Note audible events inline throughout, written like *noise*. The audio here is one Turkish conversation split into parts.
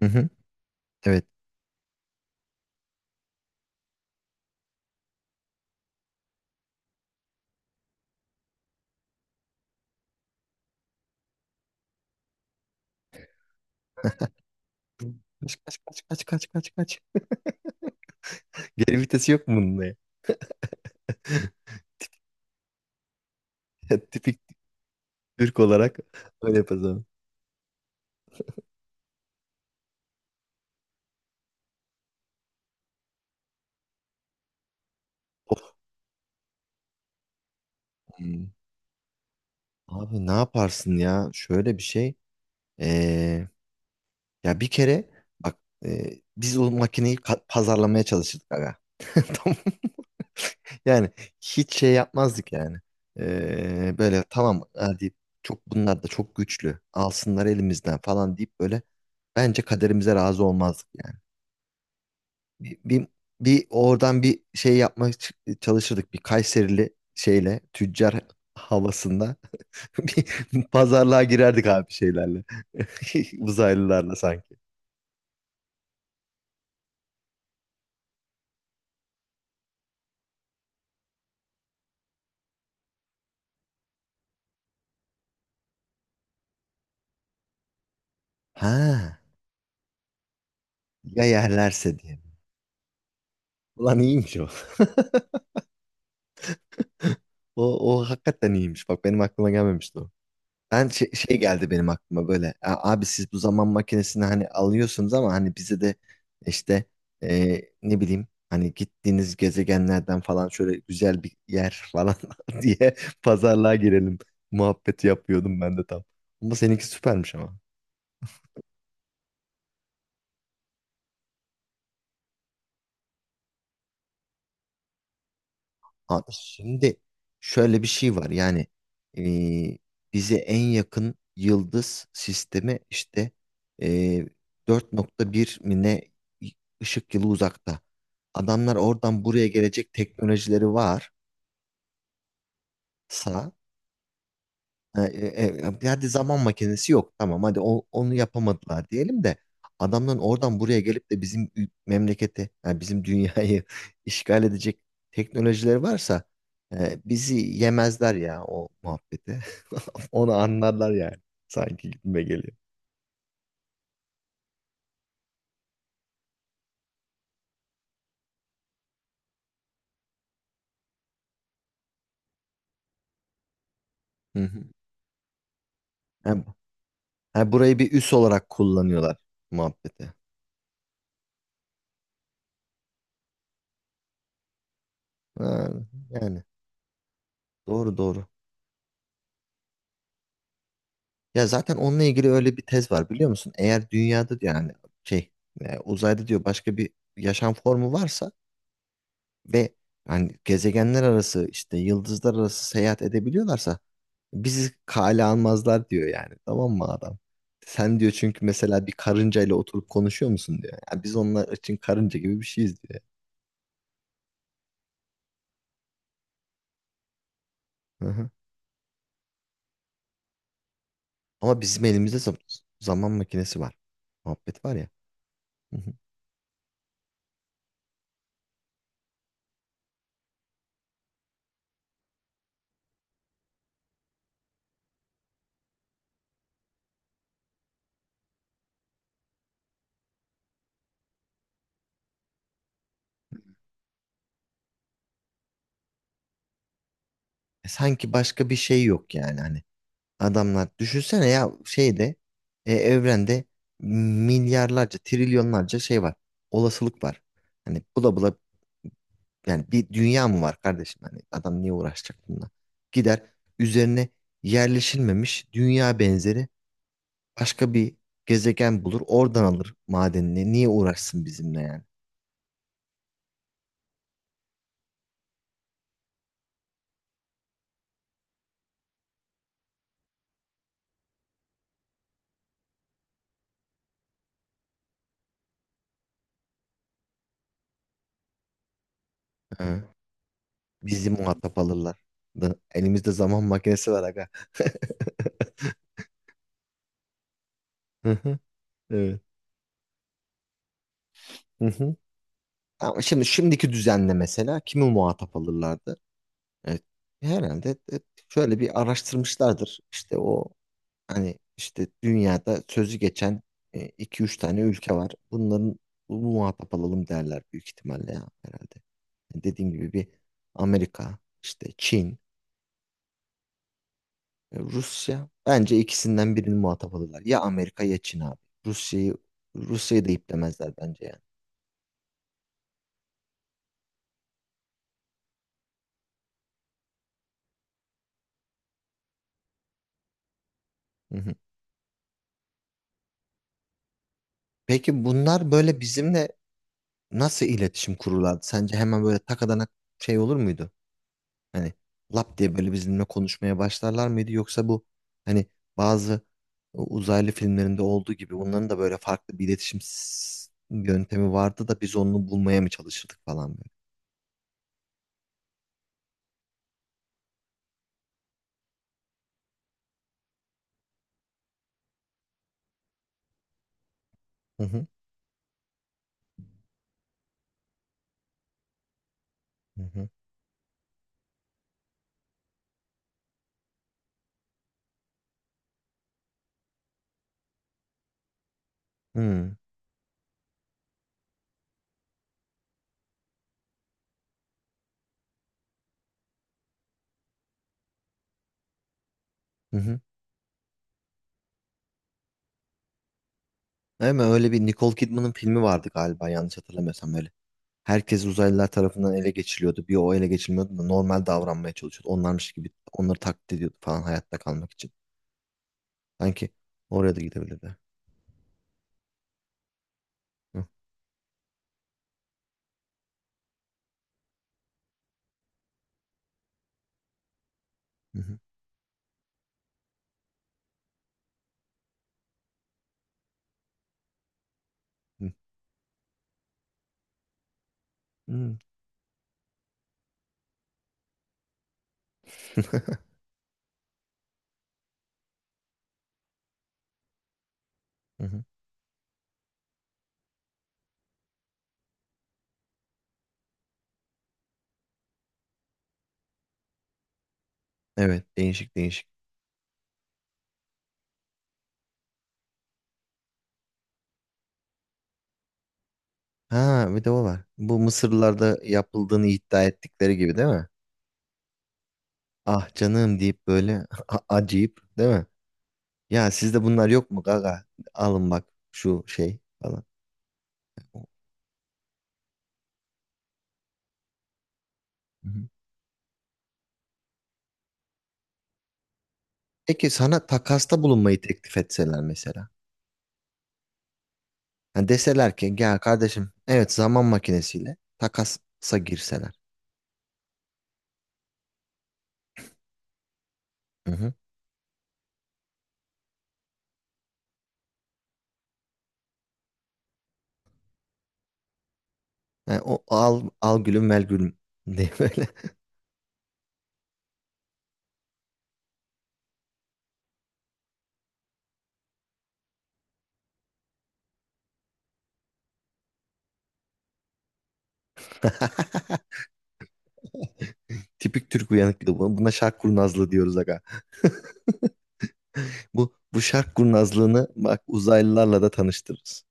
Hı hı. Evet. Kaç kaç kaç kaç kaç kaç kaç. *laughs* Geri vitesi yok mu bunda ya? *laughs* Tipik Türk olarak öyle yaparız abi. Of. Hmm. Abi ne yaparsın ya? Şöyle bir şey. Ee, ya bir kere bak, biz o makineyi pazarlamaya çalışırdık aga. *laughs* Tamam. Yani hiç şey yapmazdık yani. Böyle tamam, hadi çok bunlar da çok güçlü. Alsınlar elimizden falan deyip böyle bence kaderimize razı olmazdık yani. bir, bir, bir oradan bir şey yapmak çalışırdık. Bir Kayserili şeyle tüccar havasında *laughs* bir pazarlığa girerdik abi şeylerle. *laughs* Uzaylılarla sanki. Ha, ya yerlerse diye. Ulan iyiymiş o. O hakikaten iyiymiş. Bak benim aklıma gelmemişti o. Ben şey geldi benim aklıma böyle. "A- Abi siz bu zaman makinesini hani alıyorsunuz ama hani bize de işte ne bileyim hani gittiğiniz gezegenlerden falan şöyle güzel bir yer falan *laughs* diye pazarlığa girelim" muhabbeti yapıyordum ben de tam. Ama seninki süpermiş ama. Abi şimdi şöyle bir şey var yani eee, bize en yakın yıldız sistemi işte eee 4.1 mi ne ışık yılı uzakta. Adamlar oradan buraya gelecek teknolojileri varsa. E, e, hadi zaman makinesi yok. Tamam hadi onu yapamadılar diyelim de adamların oradan buraya gelip de bizim memleketi, yani bizim dünyayı *laughs* işgal edecek teknolojileri varsa bizi yemezler ya o muhabbeti. *laughs* Onu anlarlar yani. Sanki gitme geliyor. Hı hı. Yani, yani burayı bir üs olarak kullanıyorlar muhabbeti. Ha, yani doğru doğru. Ya zaten onunla ilgili öyle bir tez var biliyor musun? Eğer dünyada diyor yani şey, uzayda diyor başka bir yaşam formu varsa ve hani gezegenler arası işte yıldızlar arası seyahat edebiliyorlarsa bizi kale almazlar diyor, yani tamam mı adam? Sen diyor, çünkü mesela bir karınca ile oturup konuşuyor musun diyor. Yani biz onlar için karınca gibi bir şeyiz diyor. Hı hı. Ama bizim elimizde zaman makinesi var. Muhabbet var ya. Hı hı. E sanki başka bir şey yok yani. Hani adamlar. Düşünsene ya şeyde, evrende milyarlarca, trilyonlarca şey var. Olasılık var. Hani bula bula yani bir dünya mı var kardeşim? Hani adam niye uğraşacak bununla? Gider üzerine yerleşilmemiş dünya benzeri başka bir gezegen bulur. Oradan alır madenini. Niye uğraşsın bizimle yani? Hı. Bizi muhatap alırlar. Elimizde zaman makinesi var aga. Hı hı. Evet. Hı hı. Ama şimdi şimdiki düzenle mesela kimi muhatap alırlardı? Evet. Herhalde şöyle bir araştırmışlardır. İşte o hani işte dünyada sözü geçen, iki üç tane ülke var. Bunların bu muhatap alalım derler büyük ihtimalle ya herhalde. Yani dediğim gibi bir Amerika, işte Çin, Rusya. Bence ikisinden birini muhatap alırlar. Ya Amerika ya Çin abi. Rusya'yı Rusya'yı da iplemezler bence yani. Hı hı. Peki bunlar böyle bizimle nasıl iletişim kururlardı? Sence hemen böyle takadanak şey olur muydu? Hani lap diye böyle bizimle konuşmaya başlarlar mıydı yoksa bu hani bazı uzaylı filmlerinde olduğu gibi bunların da böyle farklı bir iletişim yöntemi vardı da biz onu bulmaya mı çalışırdık falan böyle? Hı hı. Hı hı. Hı hı. Hı. Hemen öyle bir Nicole Kidman'ın filmi vardı galiba, yanlış hatırlamıyorsam böyle. Herkes uzaylılar tarafından ele geçiriliyordu. Bir o ele geçirilmiyordu da normal davranmaya çalışıyordu. Onlarmış gibi onları taklit ediyordu falan, hayatta kalmak için. Sanki oraya da gidebilirdi. Hı hı. Hı hı. Hmm. Hı. *laughs* Evet, değişik değişik. Ha, bir de o var. Bu Mısırlılarda yapıldığını iddia ettikleri gibi, değil mi? Ah canım deyip böyle *laughs* acıyıp, değil mi? Ya sizde bunlar yok mu gaga? Alın bak şu şey falan. Hı hı. Peki sana takasta bulunmayı teklif etseler mesela. Ha, deseler ki gel kardeşim, evet, zaman makinesiyle takasa girseler. Hı hı. Ha, o al, al gülüm mel gülüm diye böyle. *laughs* Tipik Türk uyanıklığı bu. Buna şark kurnazlığı diyoruz aga. Bu şark kurnazlığını bak uzaylılarla da tanıştırırız.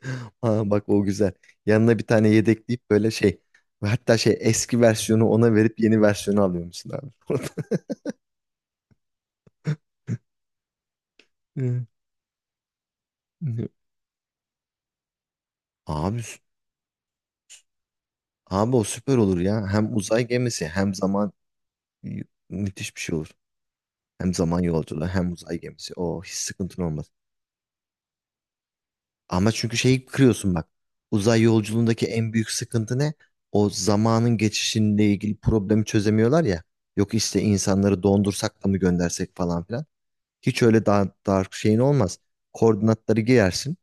*laughs* Ha, bak o güzel. Yanına bir tane yedekleyip böyle şey, ve hatta şey eski versiyonu ona verip yeni versiyonu alıyor musun abi? *laughs* Hı. Hı. Abi sü- abi o süper olur ya. Hem uzay gemisi hem zaman, müthiş bir şey olur. Hem zaman yolculuğu hem uzay gemisi. O hiç sıkıntın olmaz. Ama çünkü şeyi kırıyorsun bak. Uzay yolculuğundaki en büyük sıkıntı ne? O zamanın geçişinle ilgili problemi çözemiyorlar ya. Yok işte insanları dondursak da mı göndersek falan filan. Hiç öyle daha dark şeyin olmaz. Koordinatları girersin.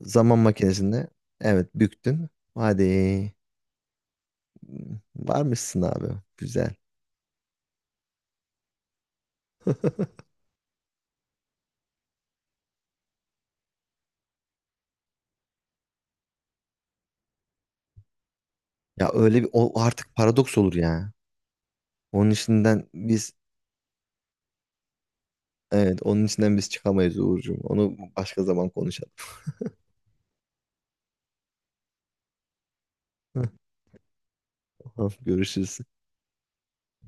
Zaman makinesinde, evet, büktün. Hadi varmışsın abi. Güzel. Ya öyle bir, o artık paradoks olur ya. Onun içinden biz, evet, onun içinden biz çıkamayız Uğurcuğum. Onu başka zaman konuşalım. *laughs* Görüşürüz.